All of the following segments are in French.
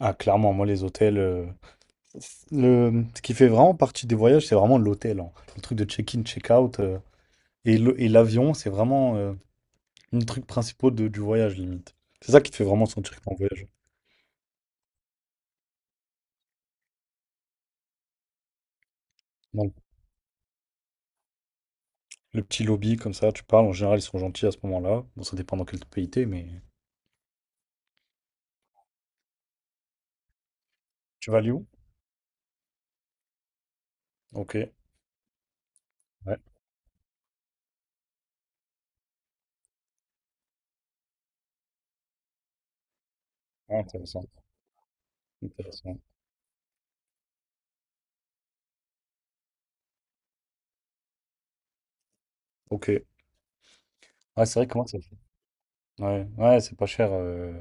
Ah, clairement, moi, les hôtels. Ce qui fait vraiment partie des voyages, c'est vraiment l'hôtel, hein. Le truc de check-in, check-out. Et l'avion, c'est vraiment un truc principal du voyage, limite. C'est ça qui te fait vraiment sentir que t'es en voyage. Dans le petit lobby, comme ça, tu parles. En général, ils sont gentils à ce moment-là. Bon, ça dépend dans quel pays t'es, mais. Tu vas à Lyon? Ok. Ouais. Ah, intéressant. Intéressant. Ok. Ah, c'est vrai, comment ça fait? Ouais, ouais, c'est pas cher.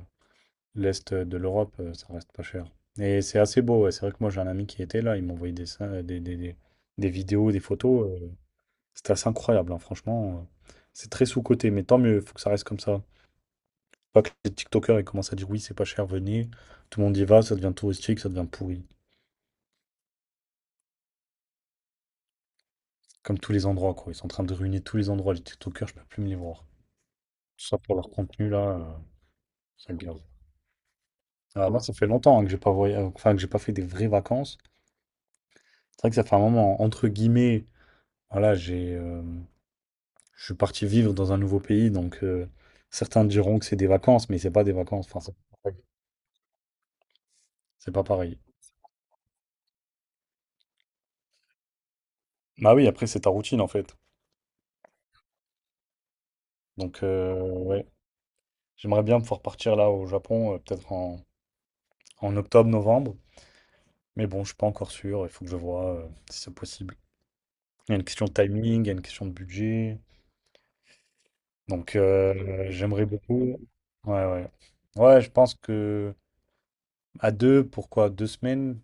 L'Est de l'Europe, ça reste pas cher. Et c'est assez beau, ouais. C'est vrai que moi j'ai un ami qui était là, il m'envoyait des des- vidéos, des photos. C'était assez incroyable, hein, franchement. C'est très sous-coté, mais tant mieux, il faut que ça reste comme ça. Pas que les TikTokers ils commencent à dire oui, c'est pas cher, venez. Tout le monde y va, ça devient touristique, ça devient pourri. Comme tous les endroits, quoi. Ils sont en train de ruiner tous les endroits. Les TikTokers, je peux plus me les voir. Tout ça pour leur contenu, là, ça me gave. Alors moi, ça fait longtemps hein, que j'ai pas fait des vraies vacances. C'est vrai que ça fait un moment, entre guillemets, voilà, j'ai. Je suis parti vivre dans un nouveau pays, donc certains diront que c'est des vacances, mais c'est pas des vacances. Enfin, c'est pas pareil. C'est pas pareil. Bah oui, après, c'est ta routine en fait. Donc, ouais, j'aimerais bien pouvoir partir là au Japon, peut-être en en octobre, novembre. Mais bon, je suis pas encore sûr. Il faut que je vois si c'est possible. Il y a une question de timing, il y a une question de budget. Donc, j'aimerais beaucoup. Ouais, ouais. Ouais, je pense que à deux, pourquoi deux semaines?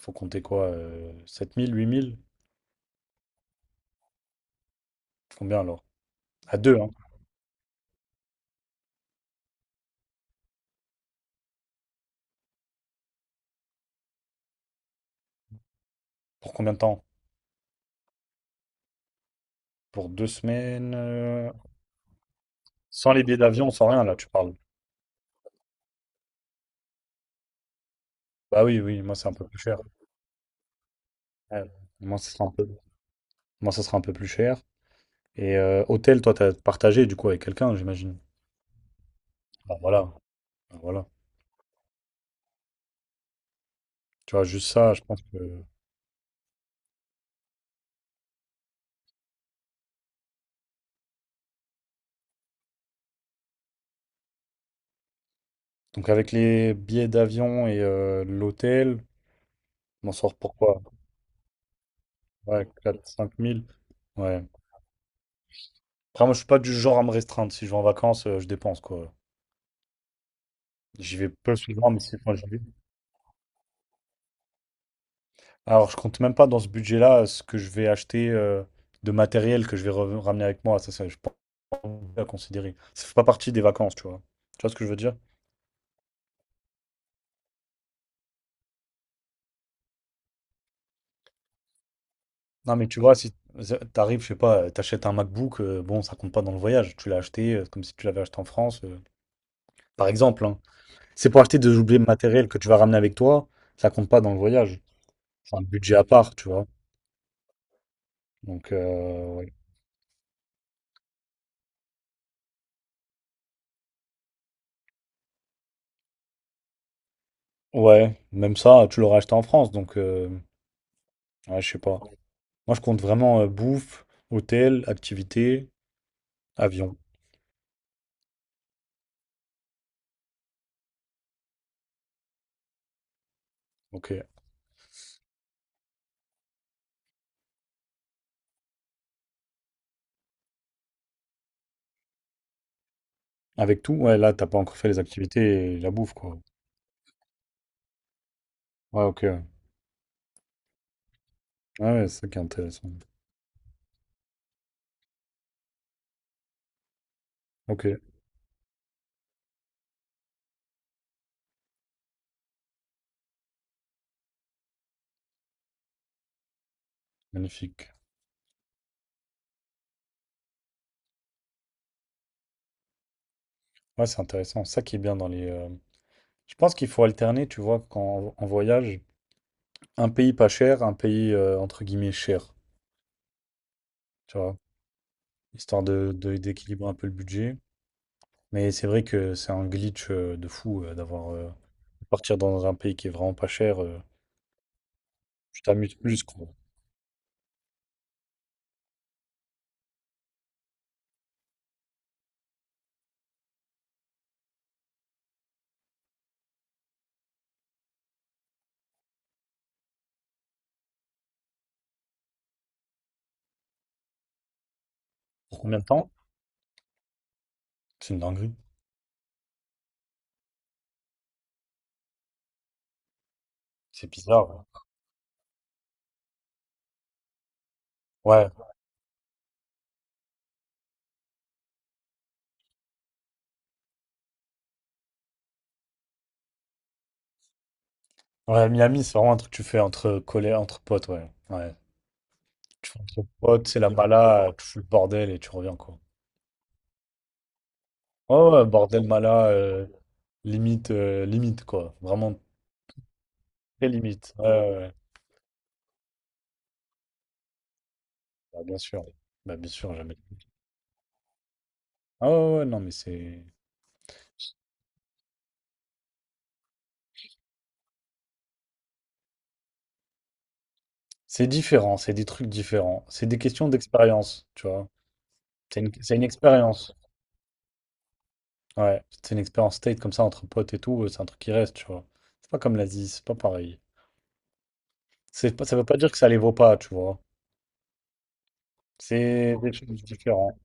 Faut compter quoi? 7 000, 8 000? Combien alors? À deux, hein. Pour combien de temps? Pour deux semaines? Sans les billets d'avion, sans rien, là, tu parles. Bah oui, oui, moi, c'est un peu plus cher. Ouais. Moi, ça sera un peu, moi, ça sera un peu plus cher. Et hôtel, toi, t'as partagé, du coup, avec quelqu'un, j'imagine. Bah voilà. Bah, voilà. Tu vois, juste ça, je pense que... Donc, avec les billets d'avion et l'hôtel, je m'en sors pourquoi? Ouais, quatre, cinq mille. Ouais. Après, moi, je suis pas du genre à me restreindre. Si je vais en vacances, je dépense, quoi. J'y vais peu souvent, mais si quand j'y vais... Alors, je compte même pas dans ce budget-là ce que je vais acheter de matériel que je vais ramener avec moi. Ça, je pense à considérer. Ça fait pas partie des vacances, tu vois. Tu vois ce que je veux dire? Non, mais tu vois, si t'arrives, je sais pas, t'achètes un MacBook, bon, ça compte pas dans le voyage. Tu l'as acheté comme si tu l'avais acheté en France, par exemple, hein. C'est pour acheter des objets matériels que tu vas ramener avec toi, ça compte pas dans le voyage. C'est un budget à part, tu vois. Donc, ouais. Ouais, même ça, tu l'aurais acheté en France, donc, ouais, je sais pas. Moi, je compte vraiment bouffe, hôtel, activité, avion. Ok. Avec tout, ouais, là, t'as pas encore fait les activités et la bouffe, quoi. Ouais, ok. Ouais, ouais, ouais, c'est ça qui est intéressant. Ok, magnifique. Ouais, c'est intéressant. Ça qui est bien dans les. Je pense qu'il faut alterner, tu vois, quand on voyage, un pays pas cher, un pays entre guillemets cher, tu vois, histoire de, d'équilibrer un peu le budget. Mais c'est vrai que c'est un glitch de fou d'avoir partir dans un pays qui est vraiment pas cher. Tu t'amuses plus, quoi. Pour combien de temps? C'est une dinguerie. C'est bizarre. Ouais. Ouais, ouais, Miami, c'est vraiment un truc que tu fais entre collègues, entre potes, ouais. Ouais. Tu fais entre potes, c'est la mala, tu fous le bordel et tu reviens, quoi. Oh, ouais, ouais, bordel, mala, limite, limite, quoi. Vraiment très limite. Ouais, ouais, ouais. Bah, bien sûr. Bah, bien sûr, jamais. Ah ouais, ouais, non, mais c'est... C'est différent, c'est des trucs différents. C'est des questions d'expérience, tu vois. C'est une expérience. Ouais, c'est une expérience state comme ça entre potes et tout, c'est un truc qui reste, tu vois. C'est pas comme l'Asie, c'est pas pareil. C'est pas- ça veut pas dire que ça les vaut pas, tu vois. C'est des choses différentes.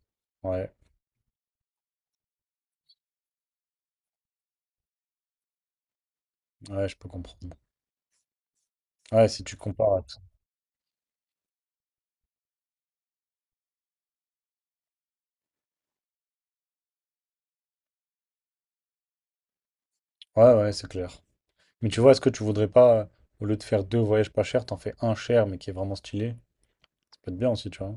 Ouais, ouais, je peux comprendre. Ouais, si tu compares à tout. Ouais, ouais, c'est clair. Mais tu vois, est-ce que tu voudrais pas, au lieu de faire deux voyages pas chers, t'en fais un cher mais qui est vraiment stylé? Ça peut être bien aussi, tu vois.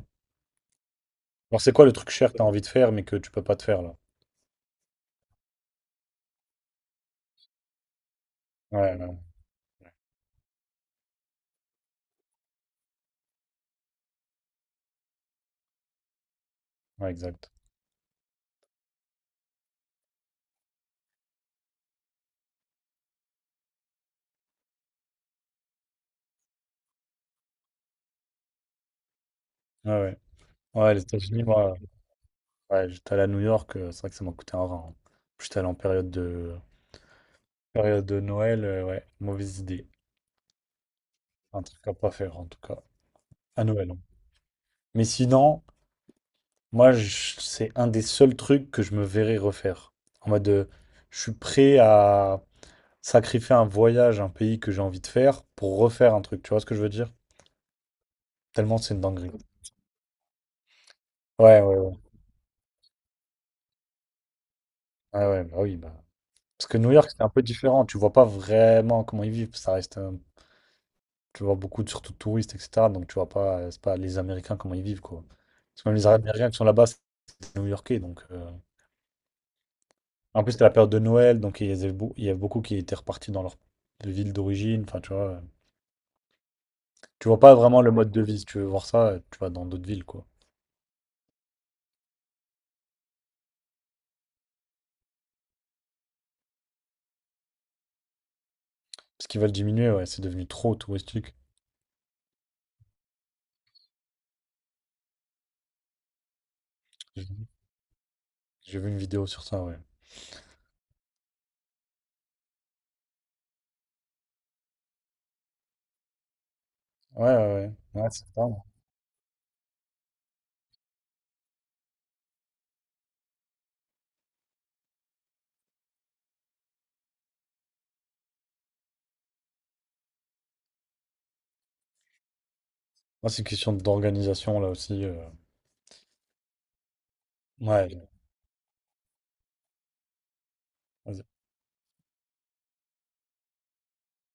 Alors, c'est quoi le truc cher que t'as envie de faire mais que tu peux pas te faire là? Ouais, ouais, ouais, ouais, exact. Ouais, ouais. Ouais, les États-Unis, moi, ouais, j'étais allé à New York, c'est vrai que ça m'a coûté un rein, hein. J'étais allé période de Noël, ouais, mauvaise idée. Un truc à pas faire en tout cas. À Noël, hein. Mais sinon. Moi, c'est un des seuls trucs que je me verrais refaire. En mode, je suis prêt à sacrifier un voyage, un pays que j'ai envie de faire pour refaire un truc. Tu vois ce que je veux dire? Tellement c'est une dinguerie. Ouais, ouais, ouais. Ah ouais, bah oui, bah. Parce que New York, c'est un peu différent. Tu vois pas vraiment comment ils vivent. Ça reste, tu vois beaucoup, surtout de touristes, etc. Donc tu vois pas, c'est pas les Américains comment ils vivent, quoi. Parce que même les Américains qui sont là-bas, c'est des New-Yorkais. Donc, en plus, c'était la période de Noël, donc il y avait beaucoup qui étaient repartis dans leur ville d'origine. Enfin, tu vois. Tu vois pas vraiment le mode de vie. Si tu veux voir ça, tu vas dans d'autres villes, quoi. Parce qu'ils veulent diminuer, ouais, c'est devenu trop touristique. J'ai vu j'ai vu une vidéo sur ça, ouais. Ouais, ouais, ouais. Ouais, c'est ça. Moi, c'est une question d'organisation, là aussi. Ouais, vas-y.